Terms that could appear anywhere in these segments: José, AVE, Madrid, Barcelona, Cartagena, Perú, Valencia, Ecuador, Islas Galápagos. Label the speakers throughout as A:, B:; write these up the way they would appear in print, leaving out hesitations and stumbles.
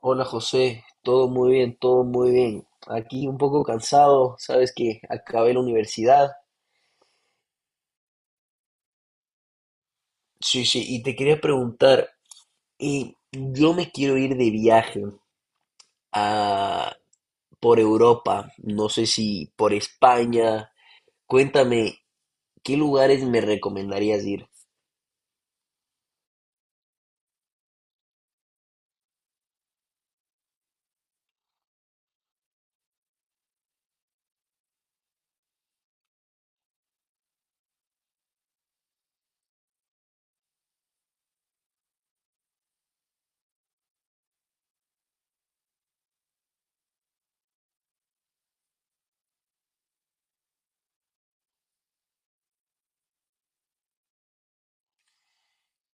A: Hola José, todo muy bien, todo muy bien. Aquí un poco cansado, sabes que acabé la universidad. Sí, sí, y te quería preguntar, y yo me quiero ir de viaje a, por Europa, no sé si por España. Cuéntame, ¿qué lugares me recomendarías ir?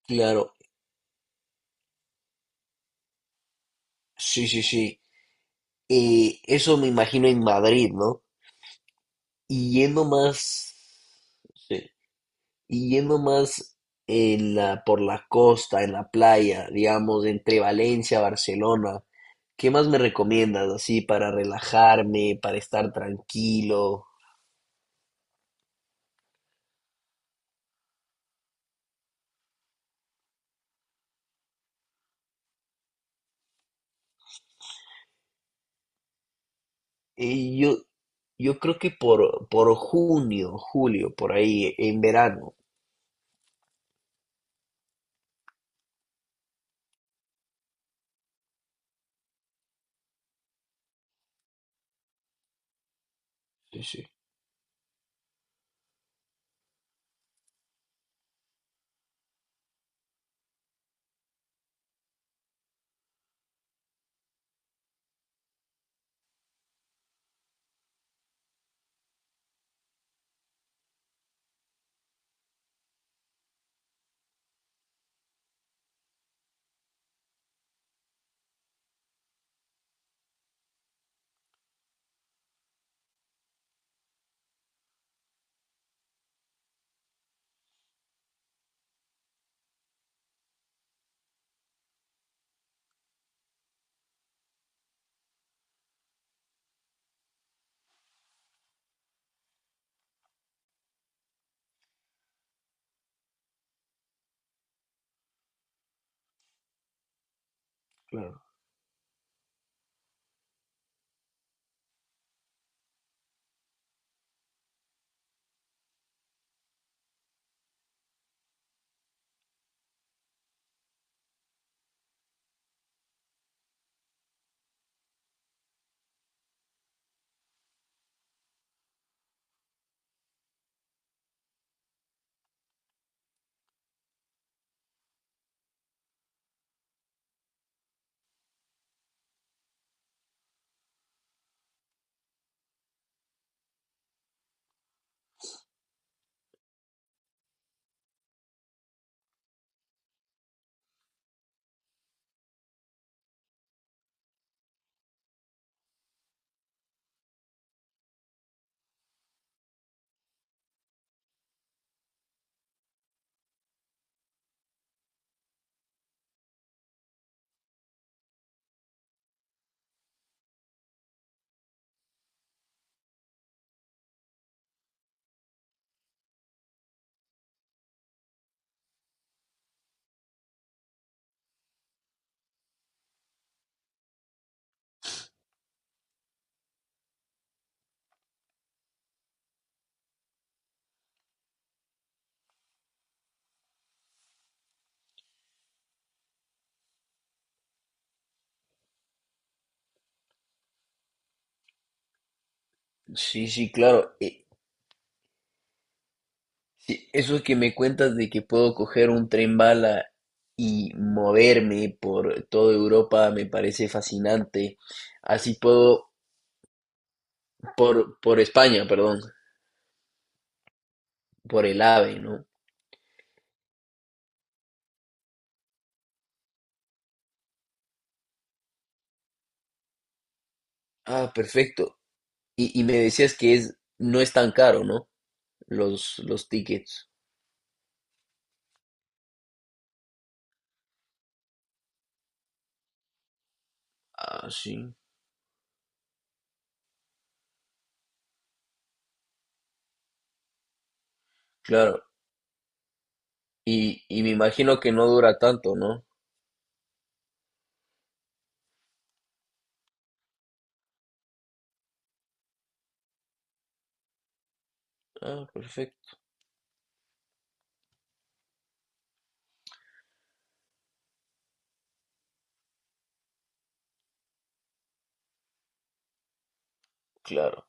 A: Claro, sí, sí, sí. Eso me imagino en Madrid, ¿no? Y yendo más... Sí. Y yendo más en por la costa, en la playa, digamos, entre Valencia, Barcelona, ¿qué más me recomiendas así para relajarme, para estar tranquilo? Eh, yo, yo creo que por junio, julio, por ahí, en verano. Sí, sí, claro. Sí, sí, claro. Sí, eso que me cuentas de que puedo coger un tren bala y moverme por toda Europa me parece fascinante. Así puedo por España, perdón, por el AVE, ¿no? Ah, perfecto. Y me decías que es, no es tan caro, ¿no? Los tickets. Ah, sí, claro. Y me imagino que no dura tanto, ¿no? Ah, perfecto, claro.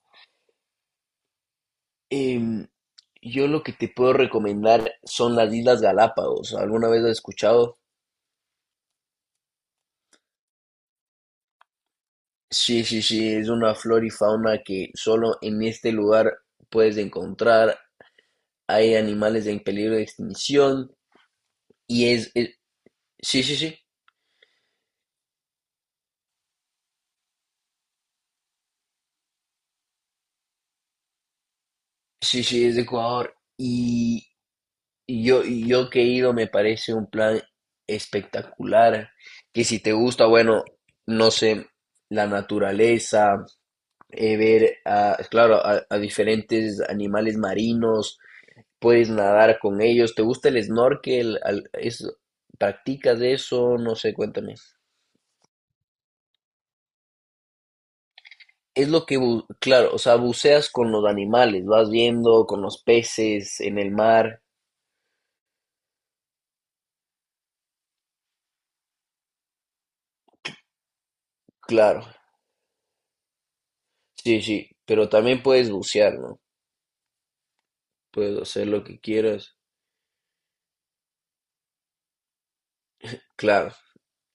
A: Em, yo lo que te puedo recomendar son las Islas Galápagos. ¿Alguna vez has escuchado? Sí, sí, sí, es una flora y fauna que solo en este lugar puedes encontrar. Hay animales en peligro de extinción y es, sí, sí, sí, sí, sí, es de Ecuador. Y yo que he ido, me parece un plan espectacular. Que si te gusta, bueno, no sé, la naturaleza, ver, a, claro, a diferentes animales marinos, puedes nadar con ellos. ¿Te gusta el snorkel? Al- es- ¿practicas eso? No sé, cuéntame. Es lo que, bu- claro, o sea, buceas con los animales, vas viendo con los peces en el mar, claro. Sí, sí, pero también puedes bucear, ¿no? Puedes hacer lo que quieras. Claro,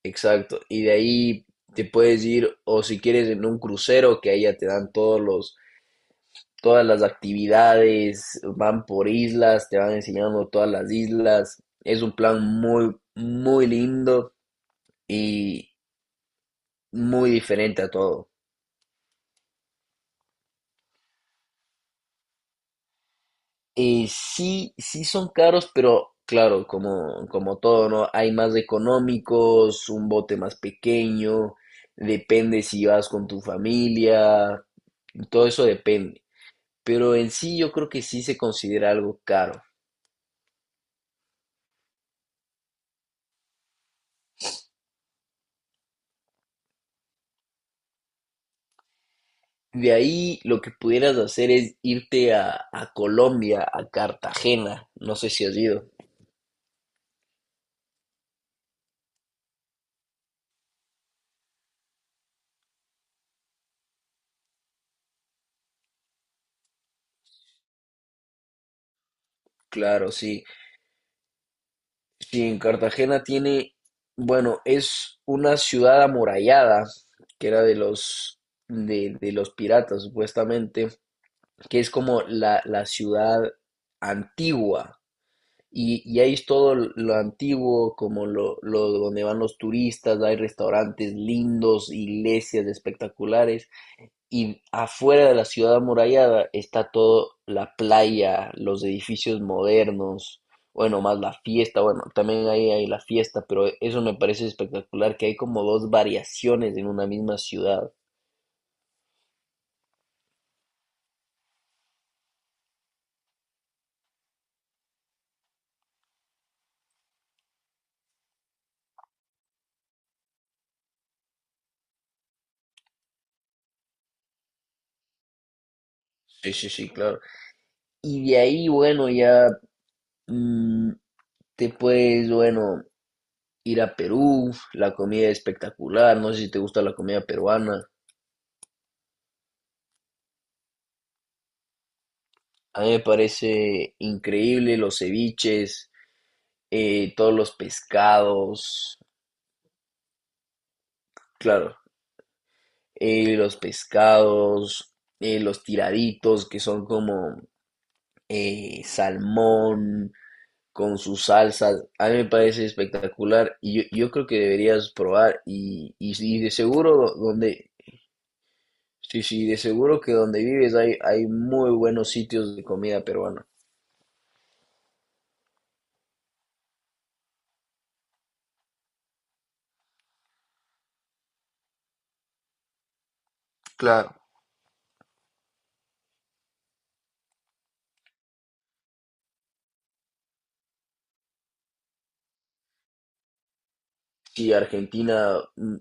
A: exacto. Y de ahí te puedes ir, o si quieres, en un crucero, que ahí ya te dan todos los, todas las actividades, van por islas, te van enseñando todas las islas. Es un plan muy, muy lindo y muy diferente a todo. Sí, sí son caros, pero claro, como, como todo, ¿no? Hay más económicos, un bote más pequeño, depende si vas con tu familia, todo eso depende. Pero en sí yo creo que sí se considera algo caro. De ahí lo que pudieras hacer es irte a Colombia, a Cartagena. No sé si has ido. Claro, sí. Sí, en Cartagena tiene, bueno, es una ciudad amurallada, que era de los, de los piratas, supuestamente, que es como la ciudad antigua. Y ahí es todo lo antiguo, como lo donde van los turistas, hay restaurantes lindos, iglesias espectaculares y afuera de la ciudad amurallada está toda la playa, los edificios modernos, bueno, más la fiesta, bueno, también ahí hay la fiesta, pero eso me parece espectacular, que hay como dos variaciones en una misma ciudad. Sí, sí, sí, claro. Y de ahí, bueno, ya mm, te puedes, bueno, ir a Perú, la comida es espectacular, no sé si te gusta la comida peruana, a mí me parece increíble los ceviches, todos los pescados. Claro, los pescados, los tiraditos que son como salmón con sus salsas, a mí me parece espectacular y yo creo que deberías probar y, sí, de seguro donde, sí, sí, de seguro que donde vives hay, hay muy buenos sitios de comida peruana. Claro. Sí, Argentina, mm,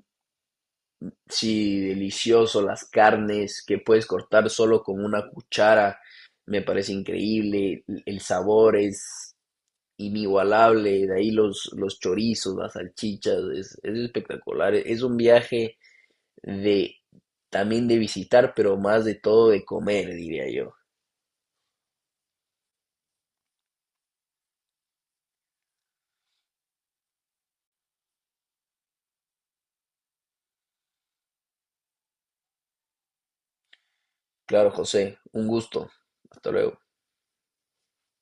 A: sí, delicioso, las carnes que puedes cortar solo con una cuchara, me parece increíble, el sabor es inigualable, de ahí los chorizos, las salchichas, es espectacular, es un viaje de también de visitar, pero más de todo de comer, diría yo. Claro, José, un gusto. Hasta luego.